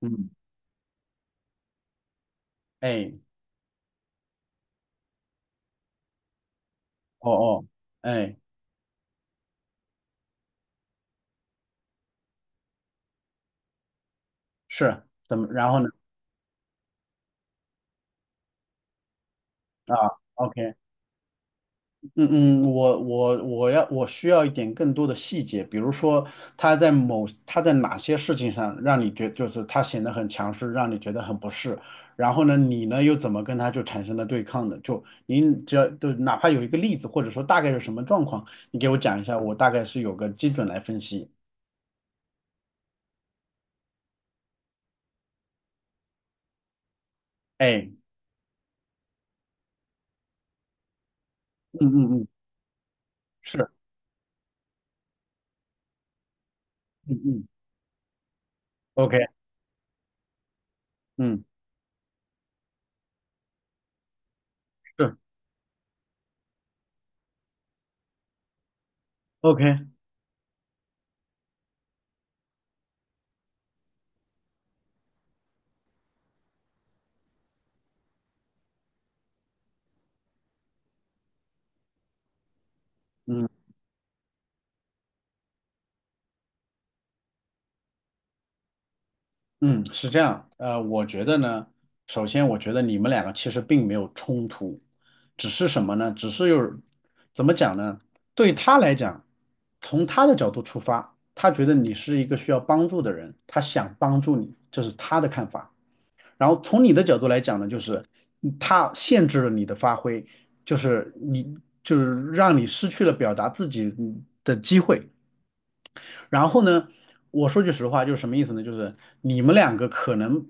嗯。哎。哦哦。哎。是怎么？然后呢？啊，OK。嗯嗯，我需要一点更多的细节，比如说他在哪些事情上让你觉就是他显得很强势，让你觉得很不适，然后呢，你呢又怎么跟他就产生了对抗的？就您只要就哪怕有一个例子，或者说大概是什么状况，你给我讲一下，我大概是有个基准来分析。哎。嗯嗯嗯。是。嗯嗯，OK。嗯，是，OK。嗯。嗯，是这样，我觉得呢，首先我觉得你们两个其实并没有冲突，只是什么呢？只是有，怎么讲呢？对他来讲，从他的角度出发，他觉得你是一个需要帮助的人，他想帮助你，这是他的看法。然后从你的角度来讲呢，就是他限制了你的发挥，就是你就是让你失去了表达自己的机会。然后呢，我说句实话，就是什么意思呢？就是你们两个可能，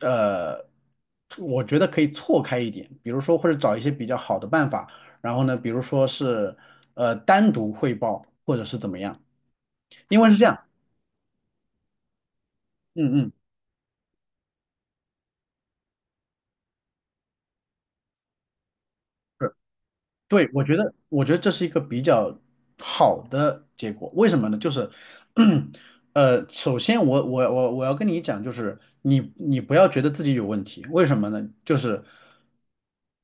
呃，我觉得可以错开一点，比如说或者找一些比较好的办法，然后呢，比如说是单独汇报或者是怎么样，因为是这样。嗯嗯。对，我觉得，我觉得这是一个比较好的结果。为什么呢？就是，首先我要跟你讲，就是你你不要觉得自己有问题。为什么呢？就是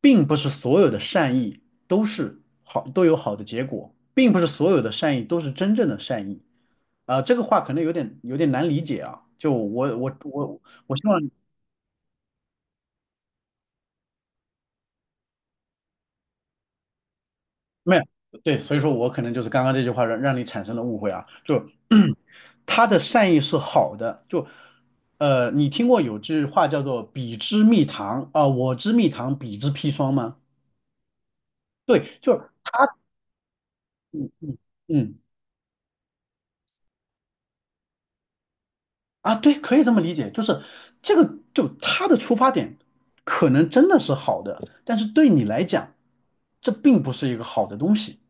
并不是所有的善意都是好，都有好的结果，并不是所有的善意都是真正的善意。啊、这个话可能有点难理解啊。就我我希望没有，对，所以说我可能就是刚刚这句话让你产生了误会啊，就 他的善意是好的，就你听过有句话叫做"彼之蜜糖"啊、我之蜜糖，彼之砒霜"吗？对，就嗯嗯嗯啊，对，可以这么理解，就是这个就他的出发点可能真的是好的，但是对你来讲，这并不是一个好的东西。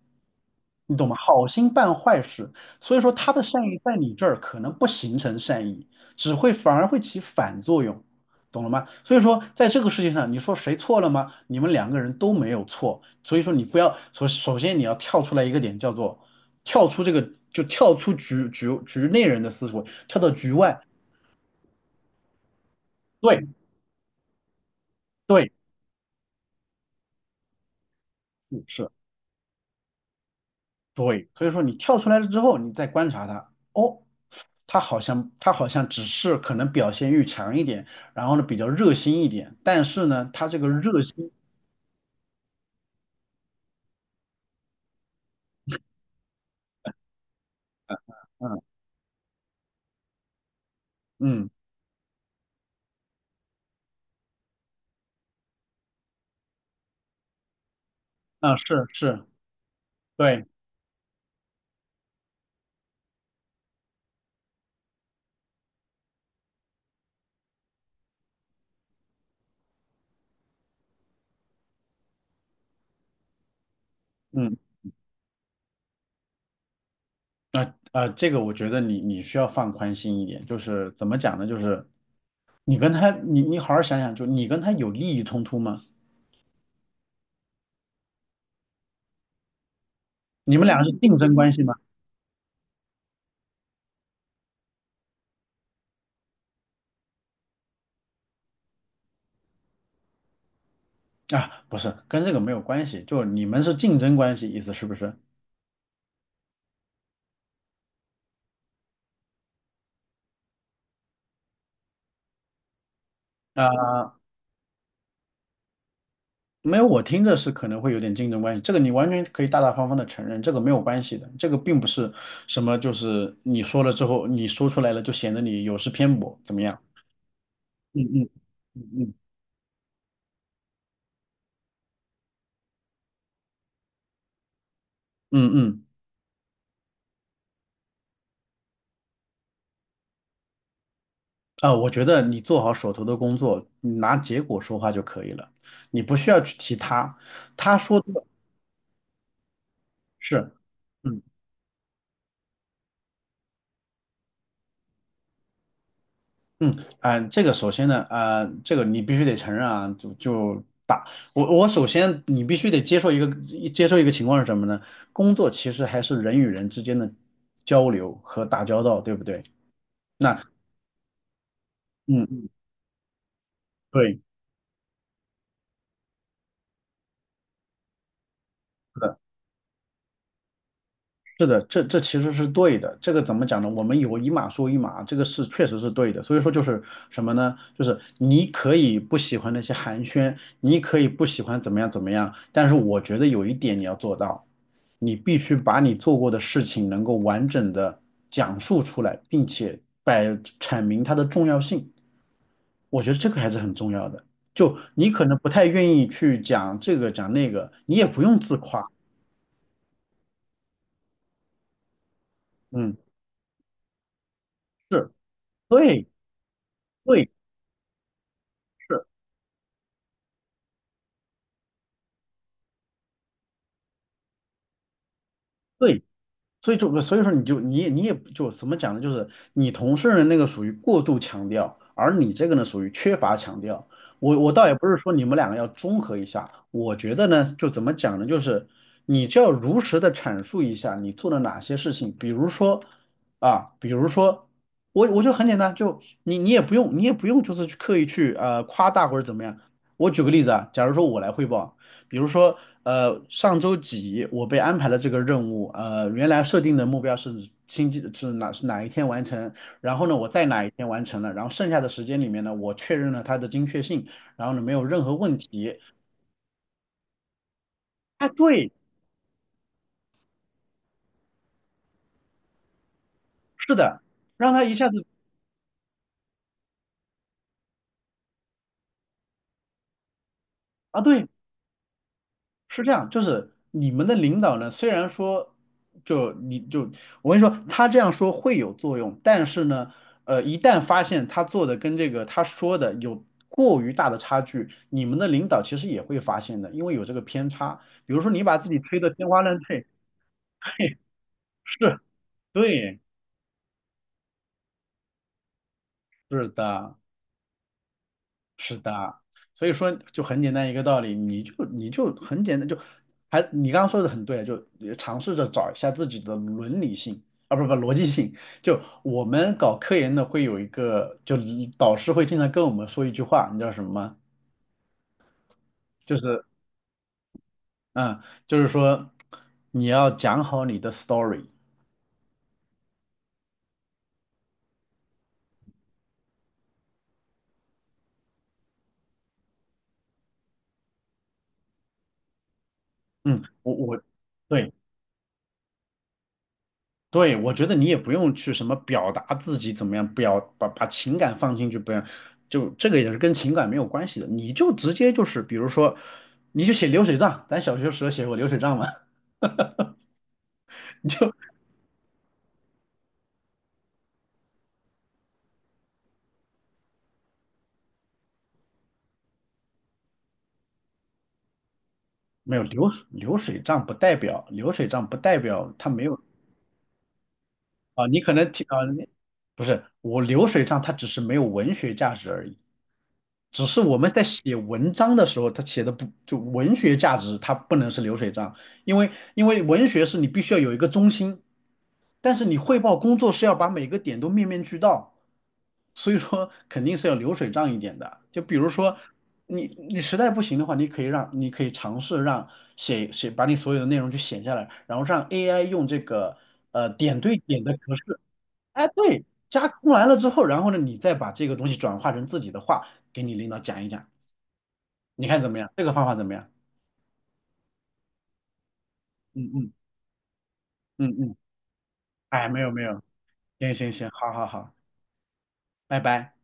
你懂吗？好心办坏事，所以说他的善意在你这儿可能不形成善意，只会反而会起反作用，懂了吗？所以说在这个事情上，你说谁错了吗？你们两个人都没有错，所以说你不要首先你要跳出来一个点，叫做跳出这个就跳出局内人的思维，跳到局外。对。对。是。是。对，所以说你跳出来了之后，你再观察它，哦，它好像只是可能表现欲强一点，然后呢比较热心一点，但是呢，它这个热心，嗯嗯嗯啊，是是，对，嗯啊、这个我觉得你需要放宽心一点，就是怎么讲呢，就是你跟他你好好想想，就你跟他有利益冲突吗？你们俩是竞争关系吗？啊，不是，跟这个没有关系，就你们是竞争关系，意思是不是？啊、没有，我听着是可能会有点竞争关系，这个你完全可以大大方方的承认，这个没有关系的，这个并不是什么就是你说了之后，你说出来了就显得你有失偏颇，怎么样？嗯嗯嗯嗯嗯嗯，啊，我觉得你做好手头的工作，你拿结果说话就可以了，你不需要去提他，他说的是。嗯。嗯，啊、这个首先呢，啊、这个你必须得承认啊，就我首先你必须得接受一个情况是什么呢？工作其实还是人与人之间的交流和打交道，对不对？那嗯嗯，对。是的。是的，这其实是对的。这个怎么讲呢？我们有一码说一码，这个是确实是对的。所以说就是什么呢？就是你可以不喜欢那些寒暄，你可以不喜欢怎么样怎么样，但是我觉得有一点你要做到，你必须把你做过的事情能够完整的讲述出来，并且阐明它的重要性。我觉得这个还是很重要的。就你可能不太愿意去讲这个讲那个，你也不用自夸。嗯，是，对，对，是，对。所以说你也也就怎么讲呢？就是你同事的那个属于过度强调，而你这个呢属于缺乏强调。我倒也不是说你们两个要综合一下，我觉得呢就怎么讲呢？就是你就要如实的阐述一下你做了哪些事情，比如说啊，比如说我就很简单，就你也不用也不用就是去刻意去夸大或者怎么样。我举个例子啊，假如说我来汇报。比如说，上周几我被安排了这个任务，原来设定的目标是星期是哪是哪一天完成，然后呢，我在哪一天完成了，然后剩下的时间里面呢，我确认了它的精确性，然后呢，没有任何问题。啊，对，是的，让他一下子啊，对，是这样，就是你们的领导呢，虽然说，就你就我跟你说，他这样说会有作用，但是呢，一旦发现他做的跟这个他说的有过于大的差距，你们的领导其实也会发现的，因为有这个偏差。比如说你把自己吹得天花乱坠，嘿，是，对，是的。是的啊，所以说就很简单一个道理，你就很简单，就你刚刚说的很对啊，就也尝试着找一下自己的伦理性啊，不不逻辑性。就我们搞科研的会有一个，就导师会经常跟我们说一句话，你知道什么吗？就是嗯，就是说你要讲好你的 story。嗯，我。对。对，我觉得你也不用去什么表达自己怎么样，把把情感放进去，不要，就这个也是跟情感没有关系的，你就直接就是，比如说，你就写流水账，咱小学时候写过流水账吗？没有，流水账不代表它没有啊，你可能听啊，不是我流水账它只是没有文学价值而已。只是我们在写文章的时候，它写的不就文学价值，它不能是流水账，因为文学是你必须要有一个中心，但是你汇报工作是要把每个点都面面俱到，所以说 肯定是要流水账一点的。就比如说你你实在不行的话，你可以让你可以尝试写把你所有的内容去写下来，然后让 AI 用这个点对点的格式哎，对，加工完了之后，然后呢，你再把这个东西转化成自己的话，给你领导讲一讲，你看怎么样？这个方法怎么样？嗯嗯嗯嗯，哎，没有没有，行行行，好好好，拜拜。